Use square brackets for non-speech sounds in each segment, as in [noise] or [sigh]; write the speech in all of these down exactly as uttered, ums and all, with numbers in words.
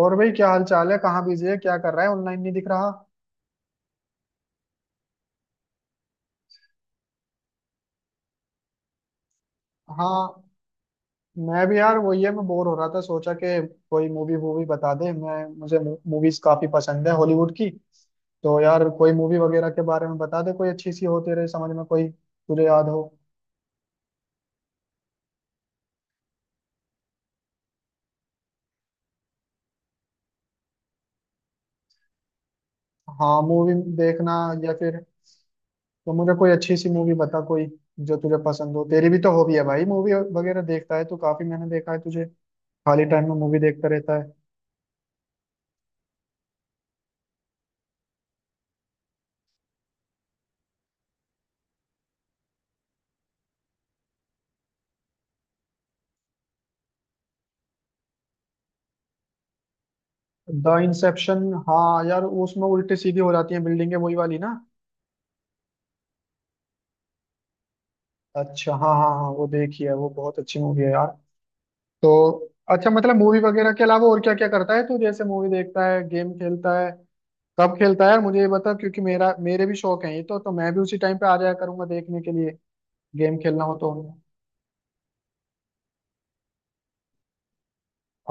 और भाई क्या हाल चाल है? कहाँ बिजी है, क्या कर रहा है? ऑनलाइन नहीं दिख रहा। हाँ, मैं भी यार वही है, मैं बोर हो रहा था, सोचा कि कोई मूवी वूवी बता दे मैं मुझे। मूवीज काफी पसंद है हॉलीवुड की। तो यार कोई मूवी वगैरह के बारे में बता दे, कोई अच्छी सी हो तेरे समझ में, कोई तुझे याद हो। हाँ, मूवी देखना या फिर, तो मुझे कोई अच्छी सी मूवी बता कोई, जो तुझे पसंद हो, तेरी भी तो हॉबी है भाई, मूवी वगैरह देखता है तू काफी, मैंने देखा है तुझे, खाली टाइम में मूवी देखता रहता है। द इंसेप्शन, हाँ यार, उसमें उल्टी सीधी हो जाती है बिल्डिंगें, वही वाली ना। अच्छा हाँ हाँ हाँ, वो देखी है, वो बहुत अच्छी मूवी है यार। तो अच्छा, मतलब मूवी वगैरह के अलावा और क्या क्या करता है तू? जैसे मूवी देखता है, गेम खेलता है, कब खेलता है यार मुझे ये बता, क्योंकि मेरा मेरे भी शौक है ये, तो तो मैं भी उसी टाइम पे आ जाया करूंगा देखने के लिए, गेम खेलना हो तो।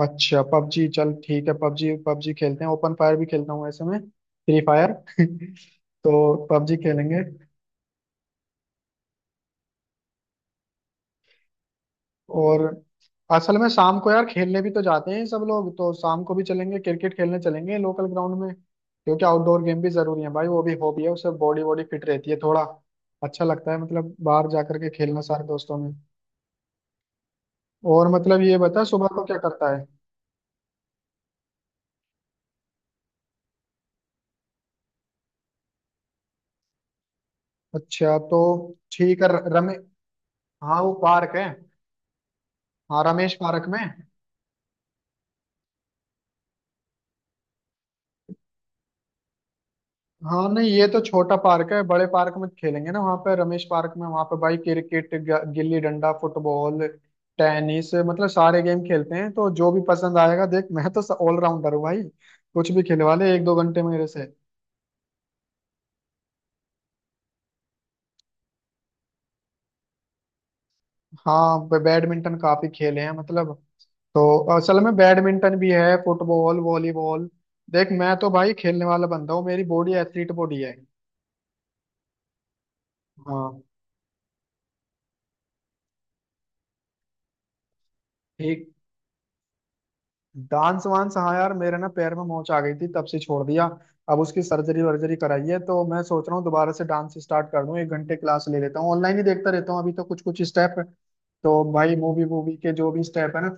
अच्छा पबजी, चल ठीक है, पबजी पबजी खेलते हैं, ओपन फायर भी खेलता हूँ ऐसे में, फ्री फायर [laughs] तो पबजी खेलेंगे। और असल में शाम को यार खेलने भी तो जाते हैं सब लोग, तो शाम को भी चलेंगे, क्रिकेट खेलने चलेंगे लोकल ग्राउंड में, क्योंकि आउटडोर गेम भी जरूरी है भाई, वो भी हॉबी है, उससे बॉडी बॉडी फिट रहती है थोड़ा। अच्छा लगता है, मतलब बाहर जा करके खेलना सारे दोस्तों में। और मतलब ये बता, सुबह को क्या करता है? अच्छा तो ठीक है, र- रमे, हाँ वो पार्क है, हाँ रमेश पार्क में। हाँ नहीं, ये तो छोटा पार्क है, बड़े पार्क में खेलेंगे ना, वहाँ पे रमेश पार्क में, वहाँ पे भाई क्रिकेट, ग- गिल्ली डंडा, फुटबॉल, टेनिस, मतलब सारे गेम खेलते हैं, तो जो भी पसंद आएगा, देख मैं तो ऑलराउंडर हूँ भाई, कुछ भी खिलवा ले एक दो घंटे मेरे से। हाँ, ब- बैडमिंटन काफी खेले हैं मतलब, तो असल में बैडमिंटन भी है, फुटबॉल, वॉलीबॉल, देख मैं तो भाई खेलने वाला बंदा हूँ, मेरी बॉडी एथलीट बॉडी है। हाँ, ठीक। डांस वांस, हाँ यार, मेरे ना पैर में मोच आ गई थी, तब से छोड़ दिया। अब उसकी सर्जरी वर्जरी कराई है, तो मैं सोच रहा हूँ दोबारा से डांस स्टार्ट कर दूँ, एक घंटे क्लास ले लेता हूँ, ऑनलाइन ही देखता रहता हूँ अभी तो, कुछ कुछ स्टेप, तो भाई मूवी मूवी के जो भी स्टेप है ना।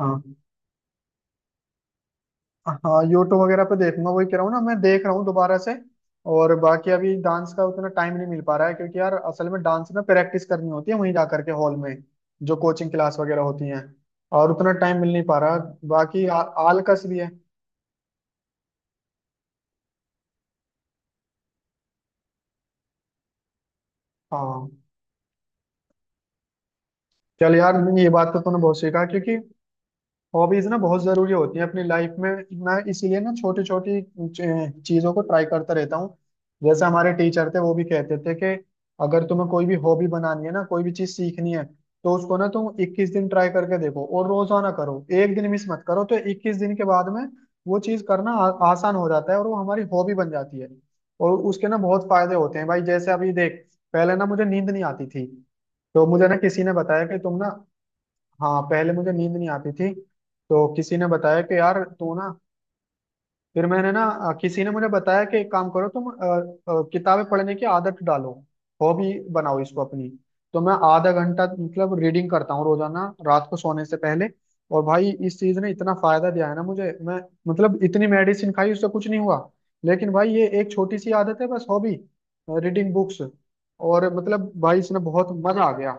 हाँ, हाँ यूट्यूब वगैरह पे देखूंगा, वही कह रहा हूँ ना, मैं देख रहा हूँ दोबारा से। और बाकी अभी डांस का उतना टाइम नहीं मिल पा रहा है, क्योंकि यार असल में डांस में प्रैक्टिस करनी होती है, वहीं जा करके हॉल में जो कोचिंग क्लास वगैरह होती है, और उतना टाइम मिल नहीं पा रहा। बाकी आ, आलकस भी है। हाँ चल यार, ये बात तो तूने बहुत सीखा, क्योंकि हॉबीज ना बहुत जरूरी होती है अपनी लाइफ में। मैं इसीलिए ना छोटी छोटी चीजों को ट्राई करता रहता हूँ। जैसे हमारे टीचर थे, वो भी कहते थे कि अगर तुम्हें कोई भी हॉबी बनानी है ना, कोई भी चीज सीखनी है, तो उसको ना तुम इक्कीस दिन ट्राई करके देखो, और रोजाना करो, एक दिन मिस मत करो, तो इक्कीस दिन के बाद में वो चीज करना आ, आसान हो जाता है, और वो हमारी हॉबी बन जाती है। और उसके ना बहुत फायदे होते हैं भाई, जैसे अभी देख, पहले ना मुझे नींद नहीं आती थी, तो मुझे ना किसी ने बताया कि तुम ना। हाँ पहले मुझे नींद नहीं आती थी, तो किसी ने बताया कि यार तू ना। फिर मैंने ना अ, किसी ने मुझे बताया कि एक काम करो तुम, अ, अ, किताबें पढ़ने की आदत डालो, हॉबी बनाओ इसको अपनी। तो मैं आधा घंटा मतलब रीडिंग करता हूँ रोजाना रात को सोने से पहले। और भाई इस चीज ने इतना फायदा दिया है ना मुझे, मैं मतलब इतनी मेडिसिन खाई उससे कुछ नहीं हुआ, लेकिन भाई ये एक छोटी सी आदत है बस, हॉबी, रीडिंग बुक्स, और मतलब भाई इसने बहुत मजा आ गया।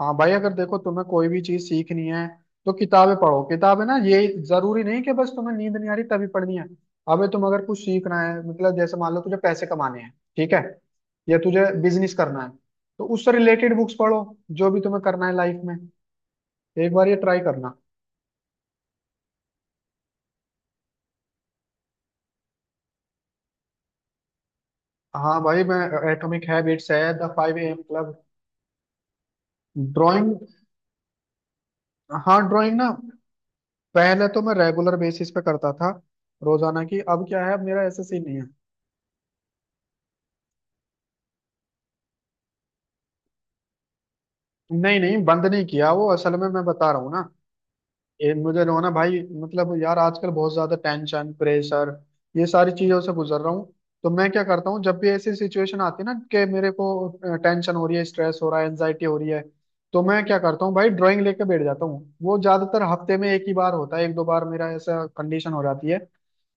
हाँ भाई, अगर देखो तुम्हें कोई भी चीज सीखनी है, तो किताबें पढ़ो। किताबें, ना ये जरूरी नहीं कि बस तुम्हें नींद नहीं आ रही तभी पढ़नी है। अबे तुम अगर कुछ सीखना है, मतलब जैसे मान लो तुझे पैसे कमाने हैं, ठीक है, या तुझे बिजनेस करना है, तो उससे रिलेटेड बुक्स पढ़ो, जो भी तुम्हें करना है लाइफ में, एक बार ये ट्राई करना। हाँ भाई मैं, एटॉमिक हैबिट्स है, the five AM club. Drawing, हाँ ड्राइंग ना, पहले तो मैं रेगुलर बेसिस पे करता था रोजाना की, अब क्या है, अब मेरा ऐसा सीन नहीं है। नहीं नहीं बंद नहीं किया, वो असल में मैं बता रहा हूँ ना, ये मुझे जो है ना भाई, मतलब यार आजकल बहुत ज्यादा टेंशन, प्रेशर, ये सारी चीजों से गुजर रहा हूँ। तो मैं क्या करता हूँ, जब भी ऐसी सिचुएशन आती है ना कि मेरे को टेंशन हो रही है, स्ट्रेस हो रहा है, एनजाइटी हो रही है, तो मैं क्या करता हूँ भाई, ड्राइंग लेके बैठ जाता हूँ। वो ज्यादातर हफ्ते में एक ही बार होता है, एक दो बार मेरा ऐसा कंडीशन हो जाती है,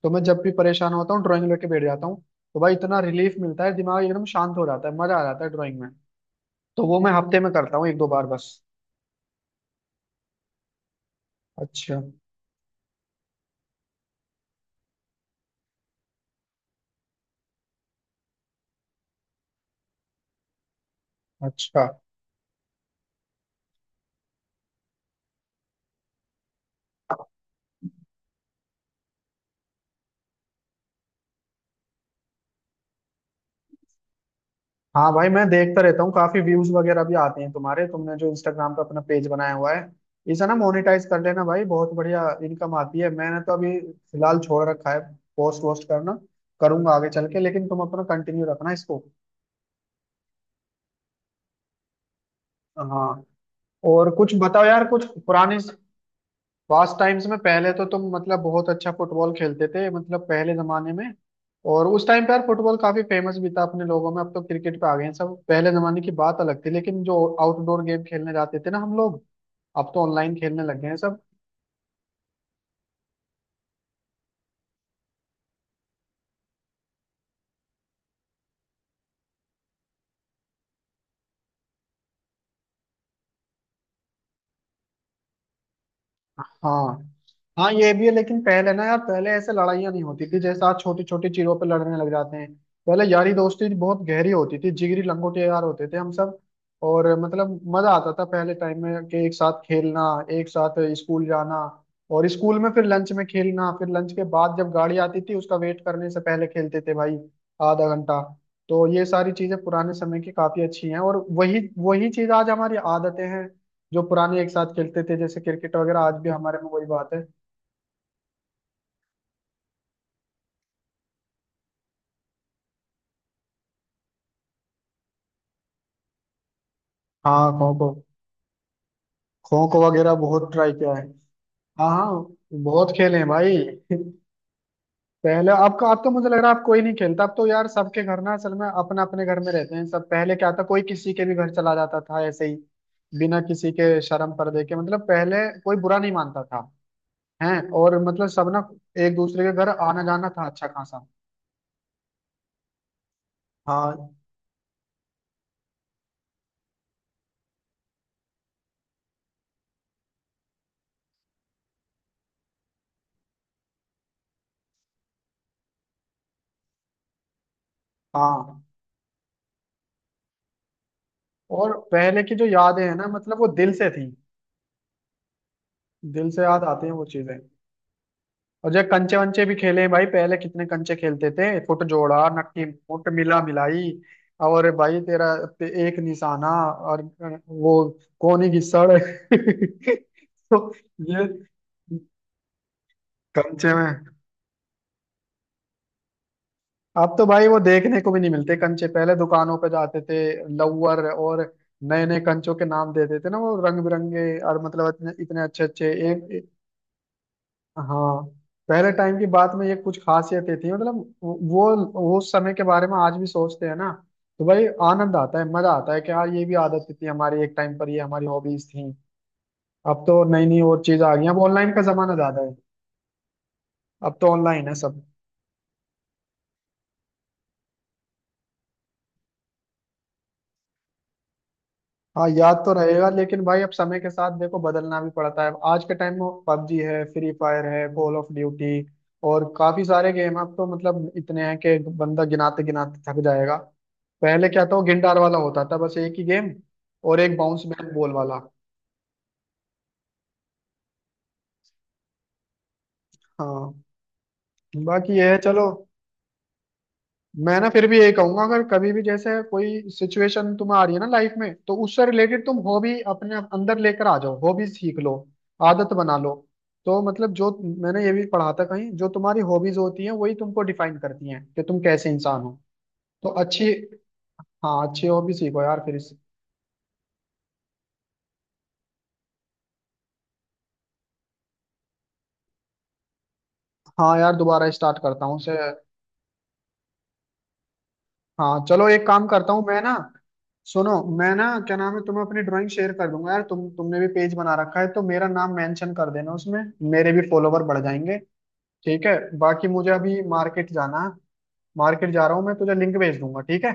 तो मैं जब भी परेशान होता हूँ ड्राइंग लेके बैठ जाता हूँ। तो भाई इतना रिलीफ मिलता है, दिमाग एकदम शांत हो जाता है, मजा आ जाता है ड्राइंग में। तो वो मैं हफ्ते में करता हूँ एक दो बार बस। अच्छा अच्छा। हाँ भाई मैं देखता रहता हूँ, काफी व्यूज वगैरह भी आते हैं तुम्हारे, तुमने जो इंस्टाग्राम पे अपना पेज बनाया हुआ है, इसे ना मोनेटाइज कर लेना भाई, बहुत बढ़िया इनकम आती है। मैंने तो अभी फिलहाल छोड़ रखा है पोस्ट वोस्ट करना, करूंगा आगे चल के, लेकिन तुम अपना कंटिन्यू रखना इसको। हाँ। और कुछ बताओ यार, कुछ पुराने पास टाइम्स में पहले तो तुम मतलब बहुत अच्छा फुटबॉल खेलते थे, मतलब पहले जमाने में। और उस टाइम पे यार फुटबॉल काफी फेमस भी था अपने लोगों में, अब तो क्रिकेट पे आ गए हैं सब। पहले जमाने की बात अलग थी, लेकिन जो आउटडोर गेम खेलने जाते थे ना हम लोग, अब तो ऑनलाइन खेलने लग गए हैं सब। हाँ हाँ ये भी है, लेकिन पहले ना यार, पहले ऐसे लड़ाइयाँ नहीं होती थी जैसे आज छोटी छोटी चीजों पे लड़ने लग जाते हैं। पहले यारी दोस्ती बहुत गहरी होती थी, जिगरी लंगोटे यार होते थे हम सब। और मतलब मजा आता था पहले टाइम में, कि एक साथ खेलना, एक साथ स्कूल जाना, और स्कूल में फिर लंच में खेलना, फिर लंच के बाद जब गाड़ी आती थी उसका वेट करने से पहले खेलते थे भाई आधा घंटा। तो ये सारी चीजें पुराने समय की काफी अच्छी हैं, और वही वही चीज आज हमारी आदतें हैं, जो पुराने एक साथ खेलते थे जैसे क्रिकेट वगैरह, आज भी हमारे में वही बात है। हाँ खो खो, खो खो वगैरह बहुत ट्राई किया है। हाँ हाँ, बहुत खेले हैं भाई। पहले आपका, अब तो मुझे लग रहा है आप कोई नहीं खेलता। अब तो यार सबके घर ना, असल में अपने अपने घर में रहते हैं सब, पहले क्या था कोई किसी के भी घर चला जाता था ऐसे ही, बिना किसी के शर्म पर्दे के, मतलब पहले कोई बुरा नहीं मानता था, हैं, और मतलब सब ना एक दूसरे के घर आना जाना था अच्छा खासा। हाँ हाँ। और पहले की जो यादें हैं ना, मतलब वो दिल से थी, दिल से याद आती हैं वो चीजें। और जब कंचे वंचे भी खेले हैं भाई, पहले कितने कंचे खेलते थे, फुट जोड़ा, नक्की मुट, मिला मिलाई, और भाई तेरा ते- एक निशाना, और वो कोनी घिसड़ [laughs] तो ये कंचे में। अब तो भाई वो देखने को भी नहीं मिलते कंचे, पहले दुकानों पे जाते थे, लवर, और नए नए कंचों के नाम देते थे ना वो रंग बिरंगे, और मतलब इतने इतने अच्छे अच्छे एक। हाँ, पहले टाइम की बात में ये कुछ खासियतें थी मतलब, वो वो उस समय के बारे में आज भी सोचते हैं ना, तो भाई आनंद आता है, मजा आता है कि यार ये भी आदतें थी हमारी एक टाइम पर, ये हमारी हॉबीज थी। अब तो नई नई और चीज आ गई, अब ऑनलाइन का जमाना ज्यादा है, अब तो ऑनलाइन है सब। हाँ, याद तो रहेगा, लेकिन भाई अब समय के साथ देखो बदलना भी पड़ता है, आज के टाइम में पबजी है, फ्री फायर है, कॉल ऑफ ड्यूटी, और काफी सारे गेम अब तो, मतलब इतने हैं कि बंदा गिनाते गिनाते थक जाएगा। पहले क्या था, वो गिनदार वाला होता था बस एक ही गेम, और एक बाउंस बैक बॉल वाला। हाँ, बाकी ये है चलो। मैं ना फिर भी यही कहूंगा, अगर कभी भी जैसे कोई सिचुएशन तुम्हें आ रही है ना लाइफ में, तो उससे रिलेटेड तुम हॉबी अपने आप अंदर लेकर आ जाओ, हॉबी सीख लो, आदत बना लो। तो मतलब जो, मैंने ये भी पढ़ा था कहीं, जो तुम्हारी हॉबीज होती हैं वही तुमको डिफाइन करती हैं कि तुम कैसे इंसान हो। तो अच्छी, हाँ अच्छी हॉबी सीखो यार फिर इस। हाँ यार दोबारा स्टार्ट करता हूँ उसे। हाँ चलो एक काम करता हूँ मैं ना, सुनो, मैं ना क्या नाम है, तुम्हें अपनी ड्राइंग शेयर कर दूंगा यार, तुम तुमने भी पेज बना रखा है, तो मेरा नाम मेंशन कर देना उसमें, मेरे भी फॉलोवर बढ़ जाएंगे। ठीक है, बाकी मुझे अभी मार्केट जाना है, मार्केट जा रहा हूँ, मैं तुझे लिंक भेज दूंगा ठीक है।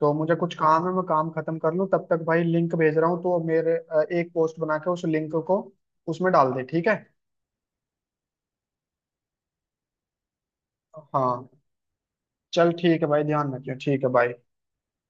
तो मुझे कुछ काम है, मैं काम खत्म कर लूँ तब तक, भाई लिंक भेज रहा हूँ तो मेरे अ, एक पोस्ट बना के उस लिंक को उसमें डाल दे, ठीक है। हाँ चल ठीक है भाई, ध्यान रखियो ठीक है, बाय।